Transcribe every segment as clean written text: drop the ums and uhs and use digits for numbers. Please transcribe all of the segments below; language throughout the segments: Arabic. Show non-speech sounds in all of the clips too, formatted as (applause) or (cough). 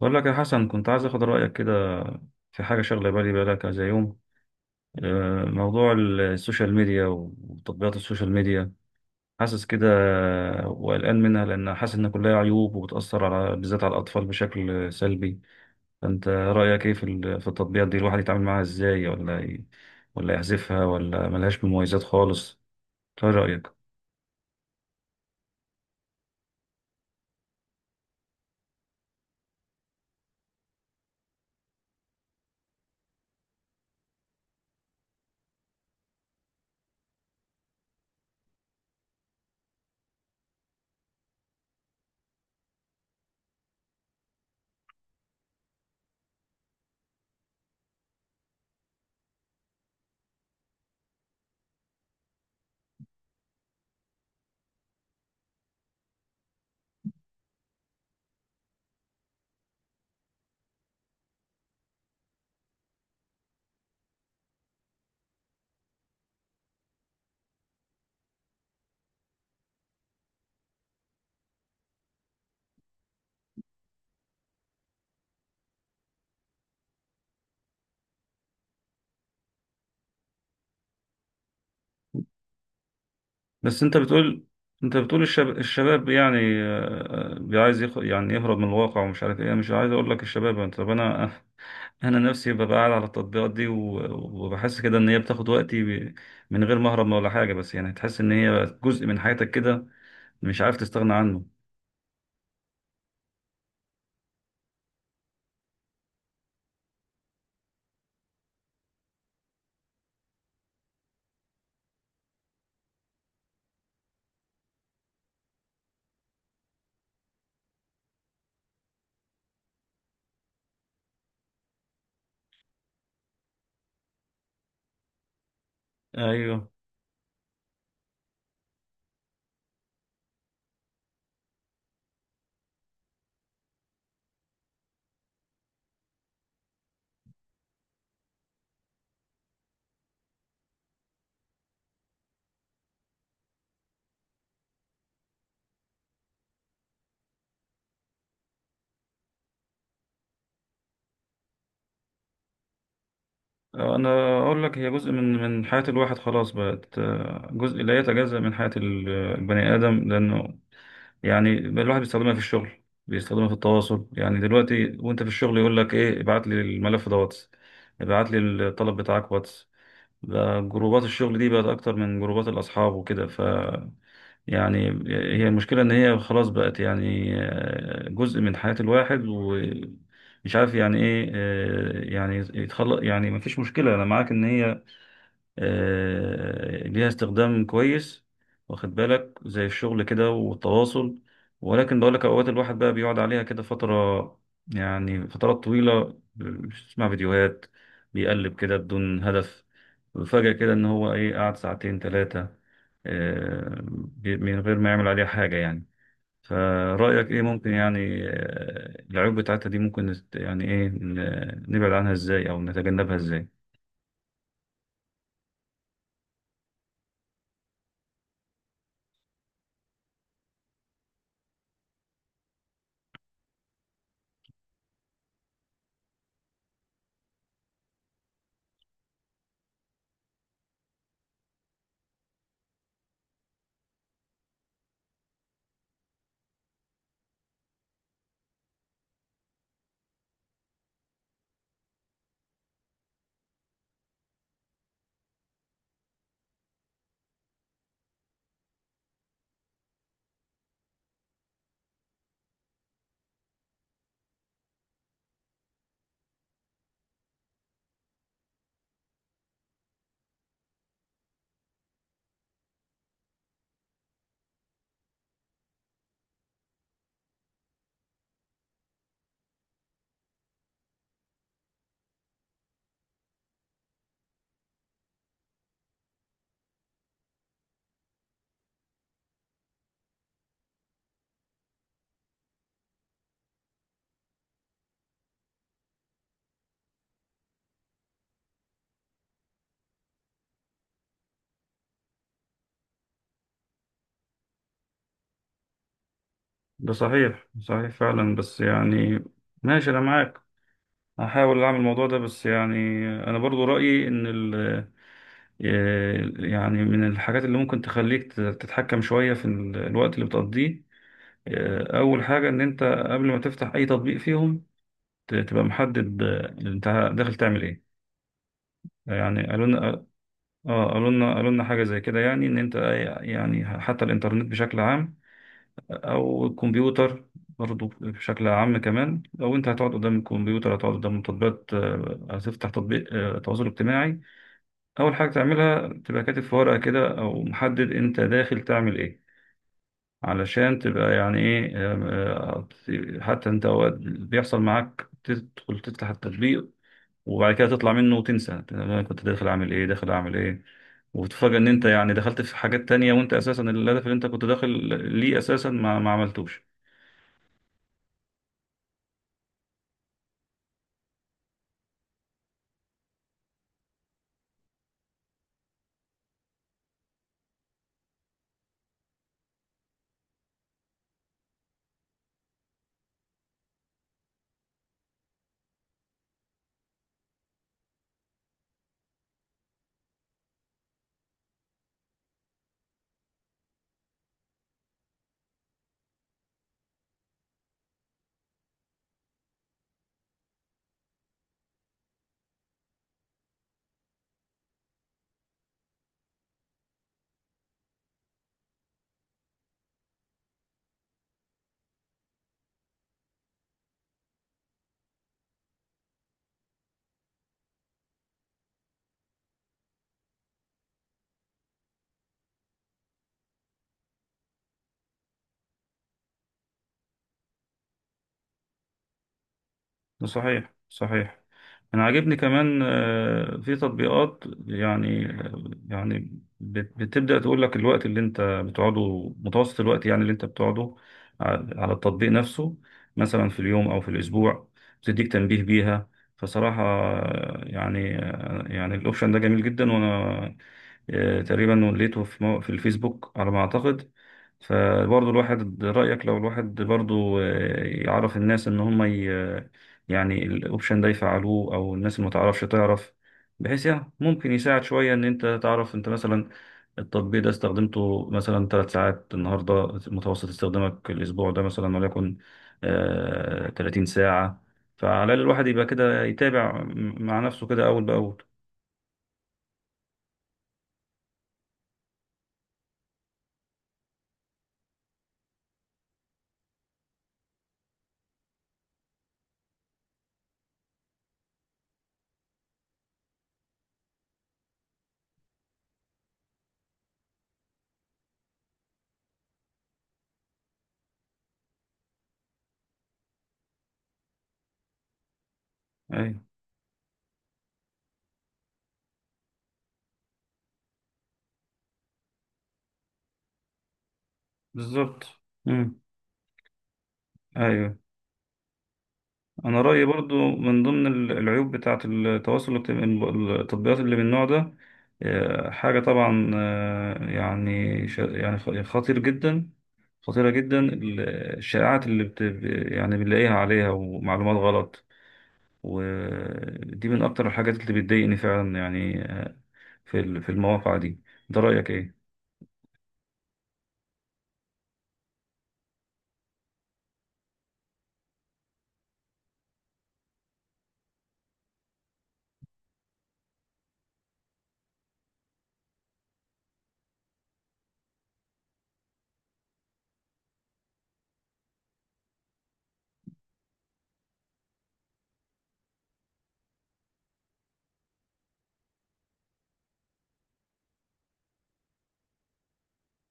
بقول لك يا حسن، كنت عايز اخد رايك كده في حاجه شغله بالي بقالها كذا يوم. موضوع السوشيال ميديا وتطبيقات السوشيال ميديا. حاسس كده وقلقان منها، لان حاسس ان كلها عيوب وبتاثر، على بالذات على الاطفال، بشكل سلبي. فانت رايك ايه في التطبيقات دي؟ الواحد يتعامل معاها ازاي؟ ولا يحذفها؟ ولا ملهاش مميزات خالص؟ ايه رايك؟ بس انت بتقول انت بتقول الشباب يعني يعني يهرب من الواقع ومش عارف ايه. مش عايز اقول لك الشباب، طب انا (laughs) انا نفسي ببقى قاعد على التطبيقات دي وبحس كده ان هي بتاخد وقتي. من غير ما اهرب ولا حاجه، بس يعني تحس ان هي بقت جزء من حياتك كده، مش عارف تستغنى عنه. ايوه، انا اقول لك، هي جزء من حياه الواحد، خلاص بقت جزء لا يتجزأ من حياه البني ادم. لانه يعني الواحد بيستخدمها في الشغل، بيستخدمها في التواصل. يعني دلوقتي وانت في الشغل يقول لك ايه، ابعت لي الملف ده واتس، ابعت لي الطلب بتاعك واتس. بقى جروبات الشغل دي بقت اكتر من جروبات الاصحاب وكده. ف يعني هي المشكلة ان هي خلاص بقت، يعني جزء من حياة الواحد، ومش عارف يعني ايه يعني يتخلق. يعني مفيش مشكلة، انا معاك ان هي ليها استخدام كويس، واخد بالك، زي الشغل كده والتواصل. ولكن بقول لك، اوقات الواحد بقى بيقعد عليها كده فترة، يعني فترات طويلة، بيسمع فيديوهات، بيقلب كده بدون هدف، وفجأة كده ان هو ايه، قعد ساعتين ثلاثة من غير ما يعمل عليها حاجة يعني. فرأيك ايه، ممكن يعني العيوب بتاعتها دي ممكن يعني ايه، نبعد عنها ازاي او نتجنبها ازاي؟ ده صحيح، صحيح فعلا. بس يعني ماشي، انا معاك، هحاول اعمل الموضوع ده. بس يعني انا برضو رأيي ان ال آه، يعني من الحاجات اللي ممكن تخليك تتحكم شوية الوقت اللي بتقضيه، اول حاجة، ان انت قبل ما تفتح اي تطبيق فيهم، تبقى محدد، انت داخل تعمل ايه. يعني قالوا لنا قالوا لنا حاجة زي كده، يعني ان انت، يعني حتى الانترنت بشكل عام، او الكمبيوتر برضو بشكل عام كمان، لو انت هتقعد قدام الكمبيوتر، هتقعد قدام تطبيقات، هتفتح تطبيق تواصل اجتماعي، اول حاجه تعملها تبقى كاتب في ورقه كده، او محدد انت داخل تعمل ايه، علشان تبقى يعني ايه حتى انت اوقات بيحصل معاك تدخل تفتح التطبيق، وبعد كده تطلع منه وتنسى انا كنت داخل اعمل ايه، داخل اعمل ايه، وتتفاجأ ان انت يعني دخلت في حاجات تانية، وانت اساسا الهدف اللي انت كنت داخل ليه اساسا ما عملتوش. صحيح، صحيح. انا عاجبني كمان في تطبيقات، يعني بتبدأ تقول لك الوقت اللي انت بتقعده، متوسط الوقت يعني اللي انت بتقعده ع- على التطبيق نفسه، مثلا في اليوم او في الاسبوع، بتديك تنبيه بيها. فصراحة يعني يعني الاوبشن ده جميل جدا، وانا تقريبا لقيته في الفيسبوك على ما اعتقد. فبرضه الواحد، رأيك لو الواحد برضه يعرف الناس ان هم يعني الاوبشن ده يفعلوه، او الناس اللي متعرفش تعرف، بحيث يعني ممكن يساعد شوية، ان انت تعرف انت، مثلا التطبيق ده استخدمته مثلا 3 ساعات النهاردة، متوسط استخدامك الاسبوع ده مثلا وليكن 30 ساعة. فعلى الاقل الواحد يبقى كده يتابع مع نفسه كده اول باول. ايوه. بالظبط. امم. ايوه. انا رايي برضو، من ضمن العيوب بتاعه التواصل الاجتماعي، التطبيقات اللي من النوع ده، حاجه طبعا يعني يعني يعني خطير جدا، خطيره جدا، الشائعات اللي يعني بنلاقيها عليها، ومعلومات غلط. ودي من اكتر الحاجات اللي بتضايقني فعلا، يعني في المواقع دي. ده رايك ايه؟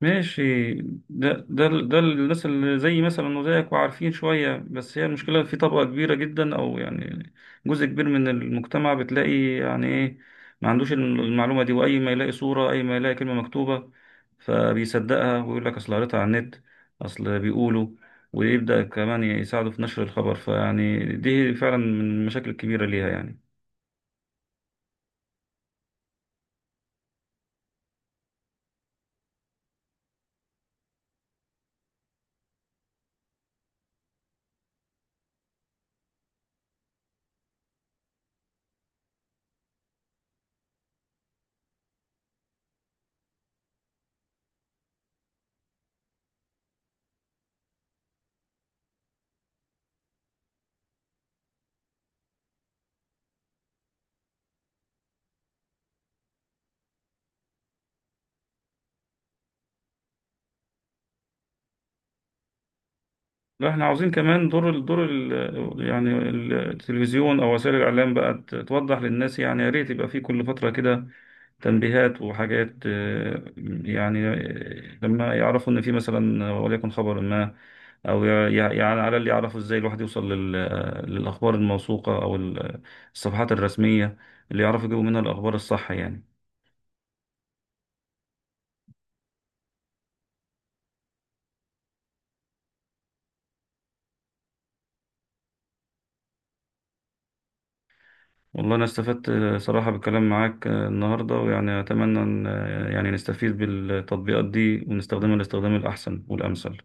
ماشي. ده الناس اللي زي مثلا، وزيك، وعارفين شوية. بس هي المشكلة في طبقة كبيرة جدا، أو يعني جزء كبير من المجتمع، بتلاقي يعني إيه، ما عندوش المعلومة دي، وأي ما يلاقي صورة، أي ما يلاقي كلمة مكتوبة، فبيصدقها، ويقول لك أصل قريتها على النت، أصل بيقولوا، ويبدأ كمان يساعده في نشر الخبر. فيعني دي فعلا من المشاكل الكبيرة ليها يعني. لا، احنا عاوزين كمان دور ال يعني التلفزيون او وسائل الاعلام بقى، توضح للناس. يعني يا ريت يبقى في كل فتره كده تنبيهات وحاجات، يعني لما يعرفوا ان في مثلا وليكن خبر ما، او يعني على، اللي يعرفوا ازاي الواحد يوصل للاخبار الموثوقه، او الصفحات الرسميه، اللي يعرفوا يجيبوا منها الاخبار الصح يعني. والله أنا استفدت صراحة بالكلام معاك النهاردة، ويعني أتمنى أن يعني نستفيد بالتطبيقات دي ونستخدمها للاستخدام الأحسن والأمثل.